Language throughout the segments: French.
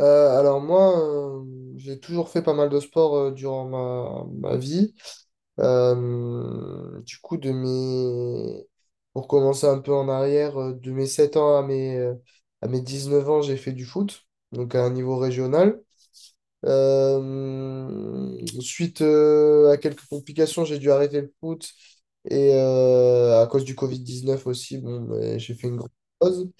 Alors moi, j'ai toujours fait pas mal de sport durant ma vie. Du coup, pour commencer un peu en arrière, de mes 7 ans à mes 19 ans, j'ai fait du foot, donc à un niveau régional. Suite à quelques complications, j'ai dû arrêter le foot et à cause du Covid-19 aussi, bon, ben, j'ai fait une grosse pause.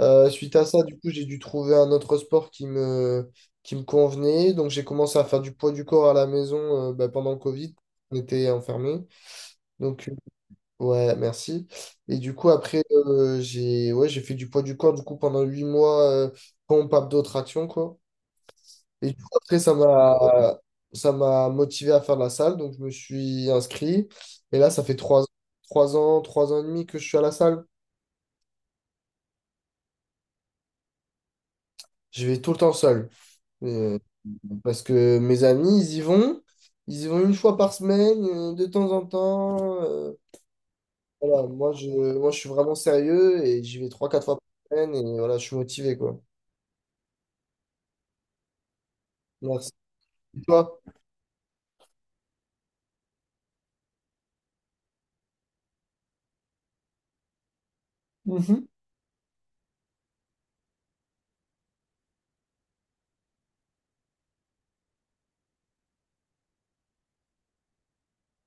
Suite à ça, du coup, j'ai dû trouver un autre sport qui me convenait. Donc, j'ai commencé à faire du poids du corps à la maison bah, pendant le Covid. On était enfermés. Donc, ouais, merci. Et du coup, après, j'ai fait du poids du corps du coup, pendant 8 mois, pompe, abdos, traction, quoi. Et du coup, après, ça m'a motivé à faire de la salle. Donc, je me suis inscrit. Et là, ça fait 3 ans et demi que je suis à la salle. Je vais tout le temps seul. Euh, Parce que mes amis, ils y vont. Ils y vont une fois par semaine, de temps en temps. Voilà, moi, je suis vraiment sérieux et j'y vais trois, quatre fois par semaine et voilà, je suis motivé, quoi. Merci. Et toi? Mhm.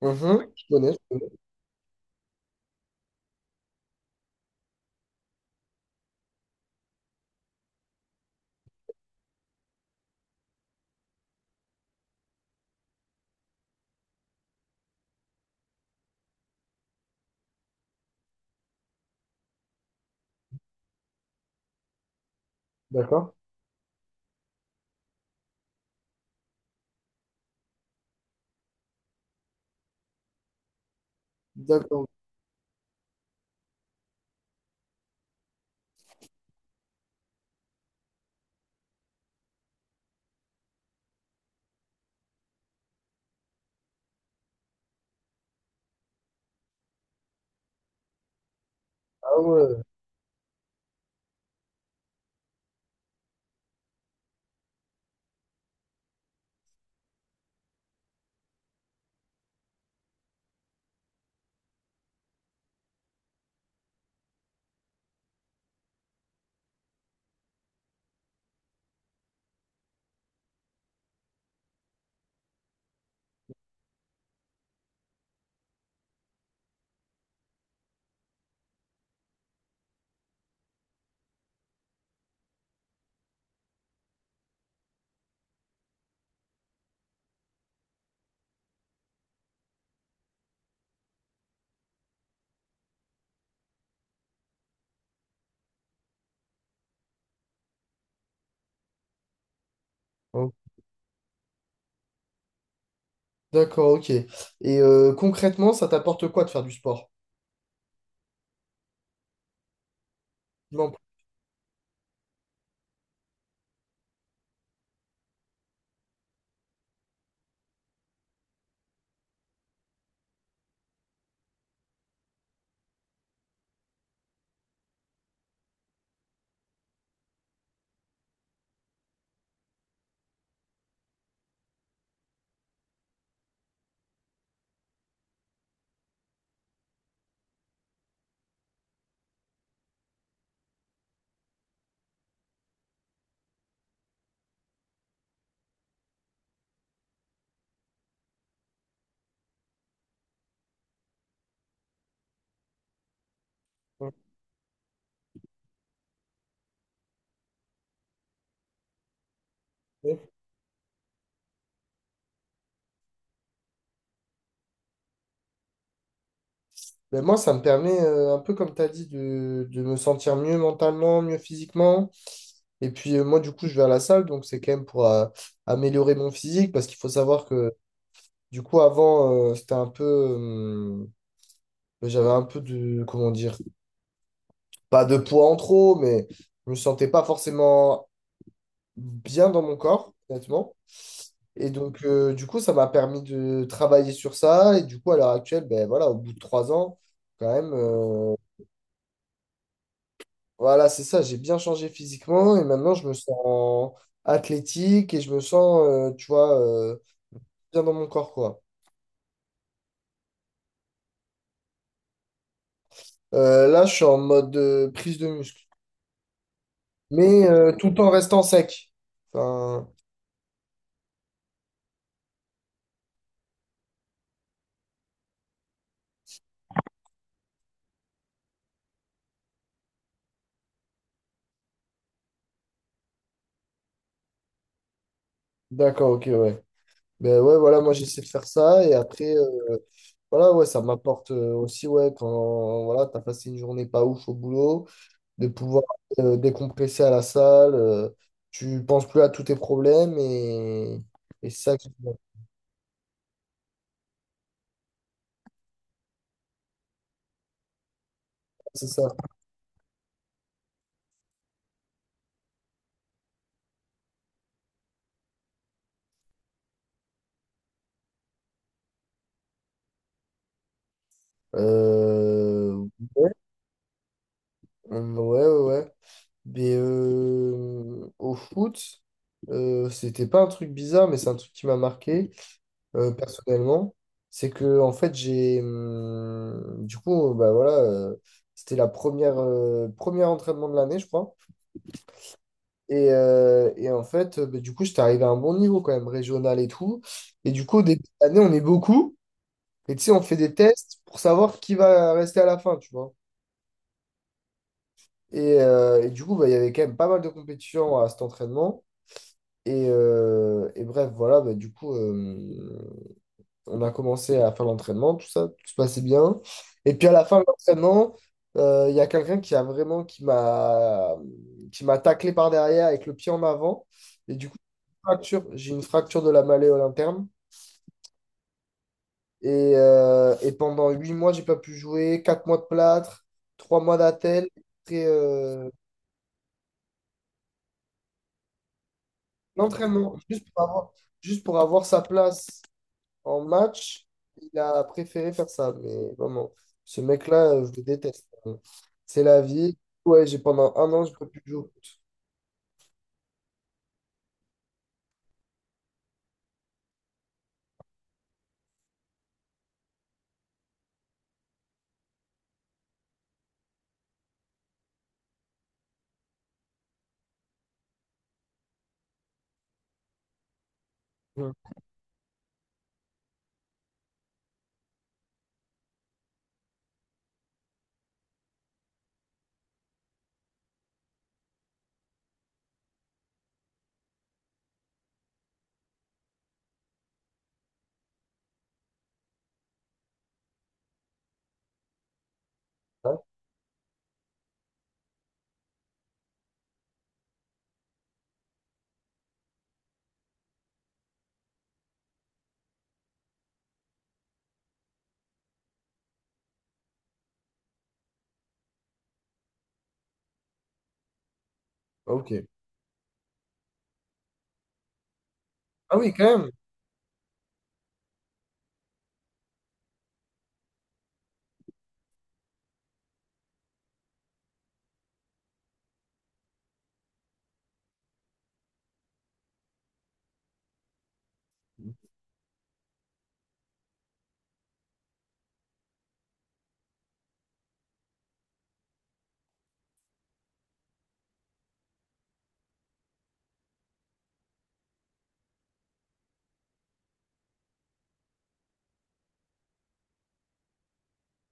Mhm. Je connais, je connais. D'accord. D'accord. Ah ouais. Oh, d'accord, ok. Et concrètement, ça t'apporte quoi de faire du sport? Non. Ok. Ben moi, ça me permet, un peu comme tu as dit, de me sentir mieux mentalement, mieux physiquement. Et puis moi, du coup, je vais à la salle, donc c'est quand même pour améliorer mon physique, parce qu'il faut savoir que, du coup, avant, c'était un peu... j'avais un peu de... Comment dire? Pas de poids en trop, mais je me sentais pas forcément bien dans mon corps, honnêtement. Et donc, du coup, ça m'a permis de travailler sur ça. Et du coup, à l'heure actuelle, ben voilà, au bout de 3 ans, quand même, voilà, c'est ça, j'ai bien changé physiquement. Et maintenant, je me sens athlétique et je me sens, tu vois, bien dans mon corps, quoi. Là, je suis en mode prise de muscle, mais tout en restant sec. Enfin, d'accord, ok, ouais. Ben ouais, voilà, moi j'essaie de faire ça et après, voilà, ouais, ça m'apporte aussi, ouais, quand voilà, t'as passé une journée pas ouf au boulot, de pouvoir décompresser à la salle, tu penses plus à tous tes problèmes et c'est ça qui c'est ça. Euh, ouais, ouais, ouais. Ouais. Mais au foot, c'était pas un truc bizarre, mais c'est un truc qui m'a marqué personnellement. C'est que en fait j'ai du coup bah voilà c'était la première premier entraînement de l'année je crois, et en fait bah, du coup j'étais arrivé à un bon niveau quand même régional et tout, et du coup au début de l'année on est beaucoup et tu sais on fait des tests pour savoir qui va rester à la fin, tu vois, et du coup bah, il y avait quand même pas mal de compétitions à cet entraînement. Et bref, voilà, bah, du coup, on a commencé à faire l'entraînement, tout ça, tout se passait bien. Et puis à la fin de l'entraînement, il y a quelqu'un qui m'a taclé par derrière avec le pied en avant. Et du coup, fracture, j'ai une fracture de la malléole interne. Et pendant 8 mois, j'ai pas pu jouer, 4 mois de plâtre, 3 mois d'attel, et, euh, l'entraînement, juste pour avoir sa place en match. Il a préféré faire ça, mais vraiment, ce mec-là, je le déteste. C'est la vie. Ouais, j'ai pendant un an, je peux plus jouer. Hum. Ah, ok. Ah oui, quand même.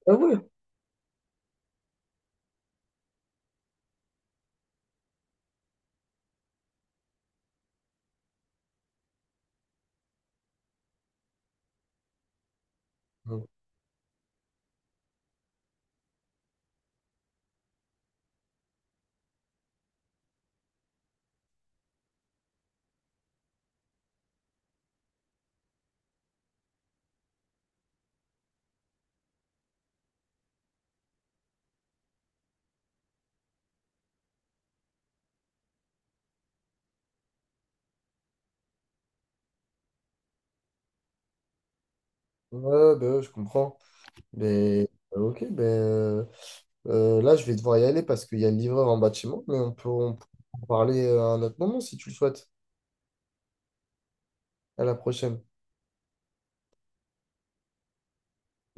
Ah ouais. Hum. Ouais, bah ouais, je comprends. Mais ok, là, je vais devoir y aller parce qu'il y a le livreur en bas de chez moi, mais on peut en parler à un autre moment si tu le souhaites. À la prochaine.